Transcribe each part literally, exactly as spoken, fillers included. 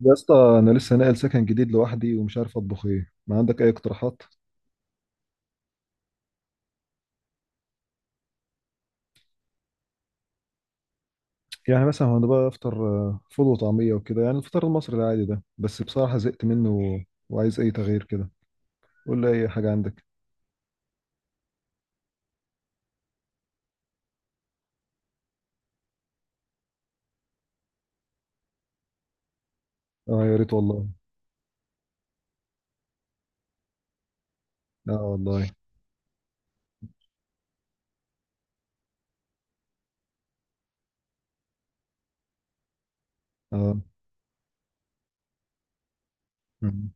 يا اسطى، انا لسه ناقل سكن جديد لوحدي ومش عارف اطبخ ايه. ما عندك اي اقتراحات؟ يعني مثلا هو انا بقى افطر، آه، فول وطعميه وكده، يعني الفطار المصري العادي ده، بس بصراحه زهقت منه و- وعايز اي تغيير كده. قول لي اي حاجه عندك. اه، يا ريت والله. اه والله. اه. مم.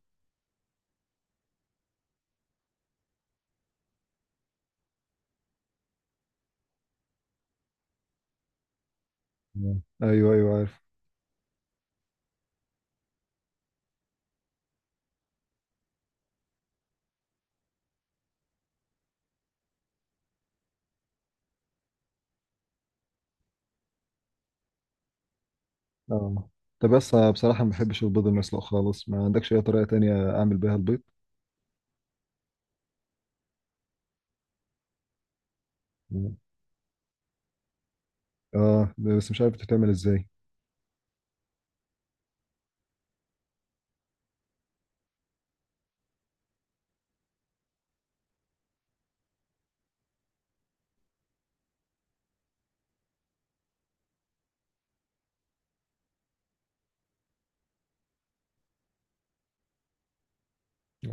مم. ايوه، ايوه، عارف. اه. طب بس أنا بصراحه ما بحبش البيض المسلوق خالص. ما عندكش اي طريقه تانية اعمل بيها البيض؟ مم. اه، بس مش عارف بتتعمل ازاي.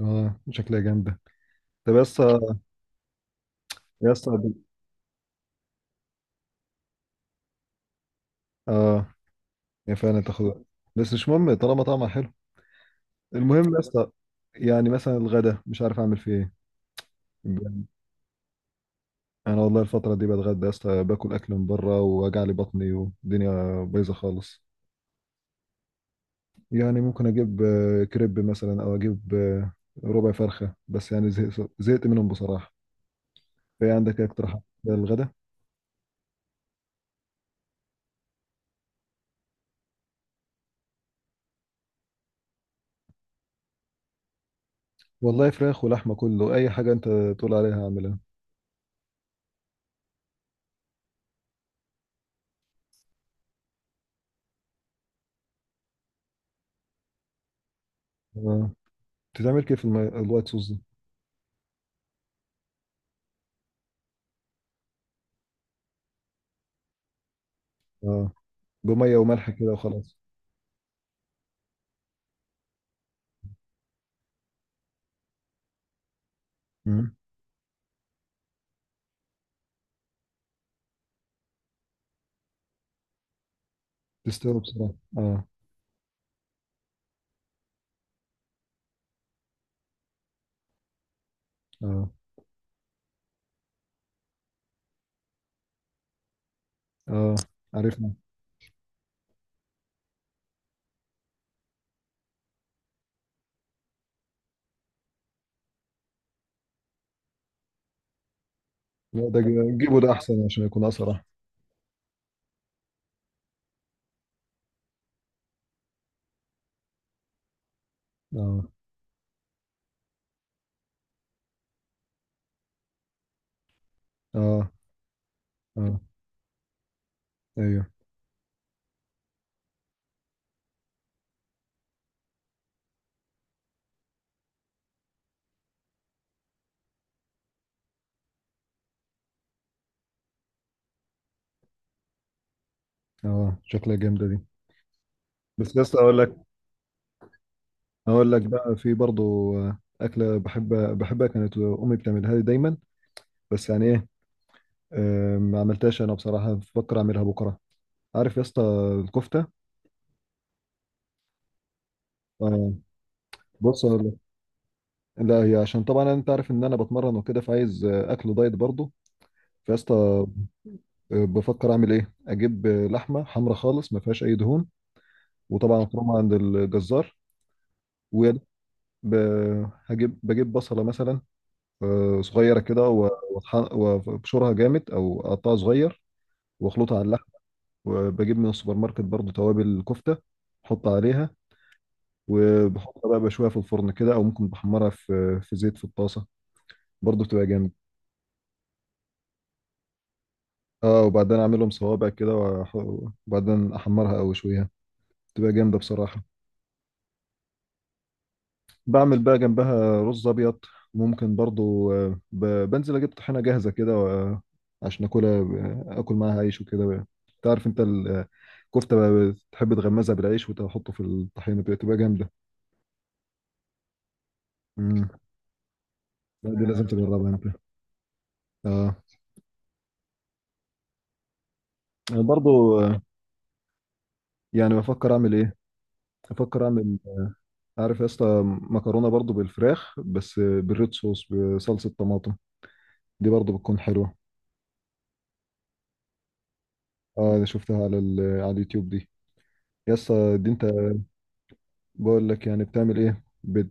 اه، شكلها جامده. طب يا اسطى. يا اسطى. اه، هي فعلا تاخد وقت. بس مش مهم طالما طعمها حلو. المهم يا اسطى، يعني مثلا الغدا مش عارف اعمل فيه ايه. انا والله الفتره دي بتغدى يا اسطى، باكل اكل من بره ووجع لي بطني والدنيا بايظه خالص. يعني ممكن اجيب آه، كريب مثلا، او اجيب آه، ربع فرخه، بس يعني زهقت زهقت منهم بصراحه. في عندك ايه اقتراحات للغدا؟ والله فراخ ولحمه، كله اي حاجه انت تقول عليها اعملها. آه. بتتعمل كيف المي... الوايت صوص دي؟ اه، بميه وملح كده وخلاص. مم. تستوي بسرعه، اه. اه. اه، عرفنا. لا، ده ج- جيبه ده احسن عشان يكون اسرع. اه. اه. اه. ايوه. اه، شكلها جامده دي. بس بس اقول لك. اقول لك بقى، في برضو آه، اكله بحب. بحبها، كانت امي بتعملها لي دايما. بس يعني ايه، آه ما عملتهاش انا بصراحه. بفكر اعملها بكره. عارف يا اسطى؟ الكفته. اه، بص أقول لك. لا، هي عشان طبعا انت عارف ان انا بتمرن وكده، فعايز آه، اكل دايت برضو. فيا اسطى، آه، بفكر اعمل ايه، اجيب آه، لحمه حمرا خالص ما فيهاش اي دهون. وطبعا فروم عند الجزار. ويا دوب، ب- هجيب بجيب بصلة مثلا، آه، صغيرة كده، و- وأطحن- وابشرها جامد أو أقطعها صغير وأخلطها على اللحم. وبجيب من السوبر ماركت برضو توابل كفتة أحط عليها. وبحطها بقى بشويها في الفرن كده، أو ممكن بحمرها في في زيت في الطاسة. برضو بتبقى جامد. اه، وبعدين أعملهم صوابع كده، وأح- وبعدين أحمرها أو أشويها. بتبقى جامدة بصراحة. بعمل بقى جنبها رز ابيض. ممكن برضو آه، ب- بنزل اجيب طحينه جاهزه كده، آه، عشان اكلها، آه، اكل معاها عيش وكده. تعرف، انت الكفته بقى بتحب تغمزها بالعيش وتحطه في الطحينه، بتبقى جامده. امم. لا، دي لازم تجربها انت. اه. أنا برضو، آه، يعني بفكر اعمل ايه. بفكر اعمل. عارف يا اسطى؟ مكرونه برضو بالفراخ، بس آه، بالريد صوص، بصلصه طماطم. دي برضو بتكون حلوه. اه، انا شفتها على ال- على اليوتيوب دي. يا اسطى، دي انت بقول لك يعني بتعمل ايه. بت...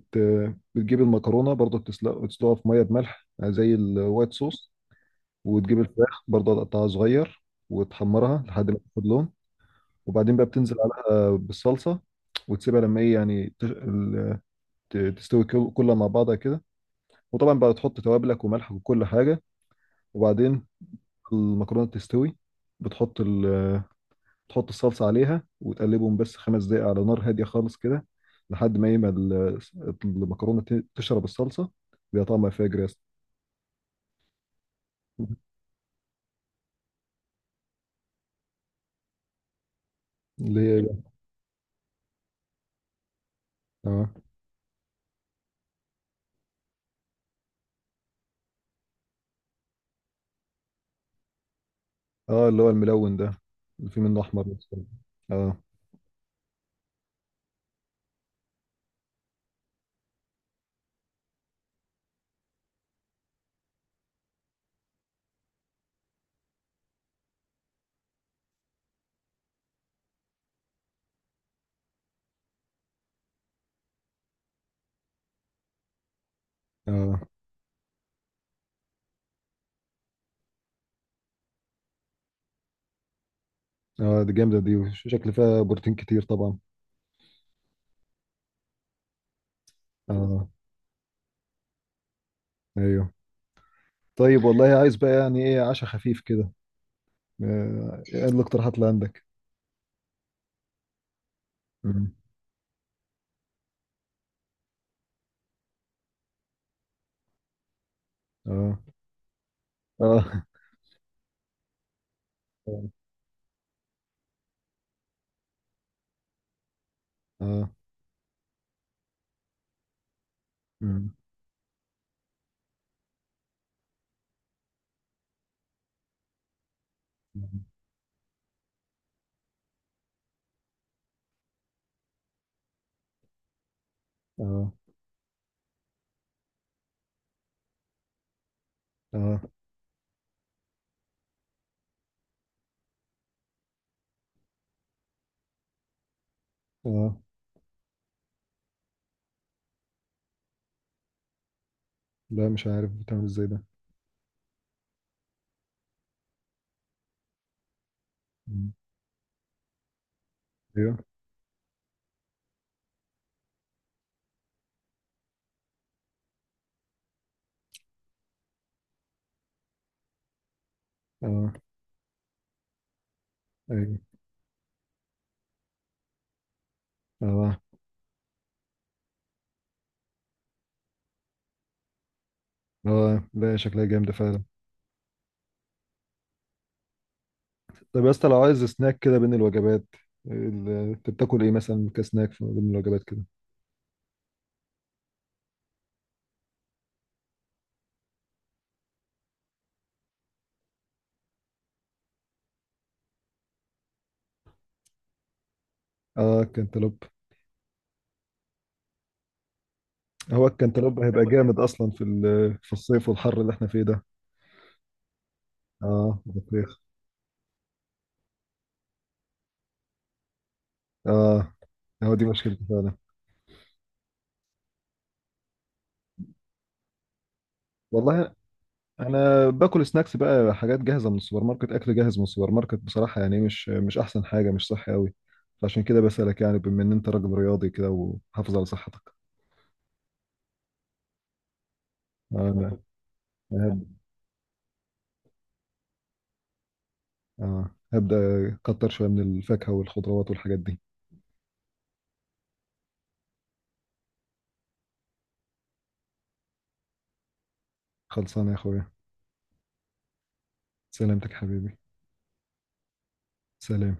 بتجيب المكرونه برضه بتسلق، وتسلقها في ميه بملح زي الوايت صوص. وتجيب الفراخ برضه تقطعها صغير، وتحمرها لحد ما تاخد لون. وبعدين بقى بتنزل عليها بالصلصه، وتسيبها لما ايه يعني تش... ال- ت- تستوي كل- كلها مع بعضها كده. وطبعا بقى تحط توابلك وملح وكل حاجه. وبعدين المكرونه تستوي، بتحط. تحط الصلصة عليها وتقلبهم بس خمس دقايق على نار هادية خالص كده، لحد ما يما ال- المكرونة ت- تشرب الصلصة. بيبقى طعمها فاجر يا اسطى. اللي هي بقى- اه. اه، اللي هو الملون ده، اللي فيه منه أحمر بس. اه. اه. اه، دي جامدة دي، وشكل فيها بروتين كتير طبعا. اه. ايوه. طيب والله، عايز بقى يعني ايه، عشاء خفيف كده. آه، ايه الاقتراحات اللي عندك؟ مم. اه. اه. اه. مم. اه. اه. اه. آه. لا، مش عارف بتعمل ازاي ده. مم. ايوه. اه. ايوه. اه. اه. لا، شكلها جامدة فعلا. طب يا اسطى، لو عايز سناك كده بين الوجبات، ال- انت بتاكل ايه مثلا كسناك في- بين الوجبات كده؟ اه، الكنتالوب. هو الكنتالوب هيبقى جامد اصلا في ال- في الصيف والحر اللي احنا فيه ده. اه، بطيخ. اه، هو دي مشكلته فعلا. والله انا باكل سناكس بقى حاجات جاهزه من السوبر ماركت، اكل جاهز من السوبر ماركت بصراحه، يعني مش مش احسن حاجه، مش صحي قوي. فعشان كده بسالك، يعني بما ان انت راجل رياضي كده وحافظ على صحتك. انا هب- آه، هبدا اكتر شويه من الفاكهه والخضروات والحاجات دي. خلصانه يا اخويا. سلامتك يا حبيبي. سلام.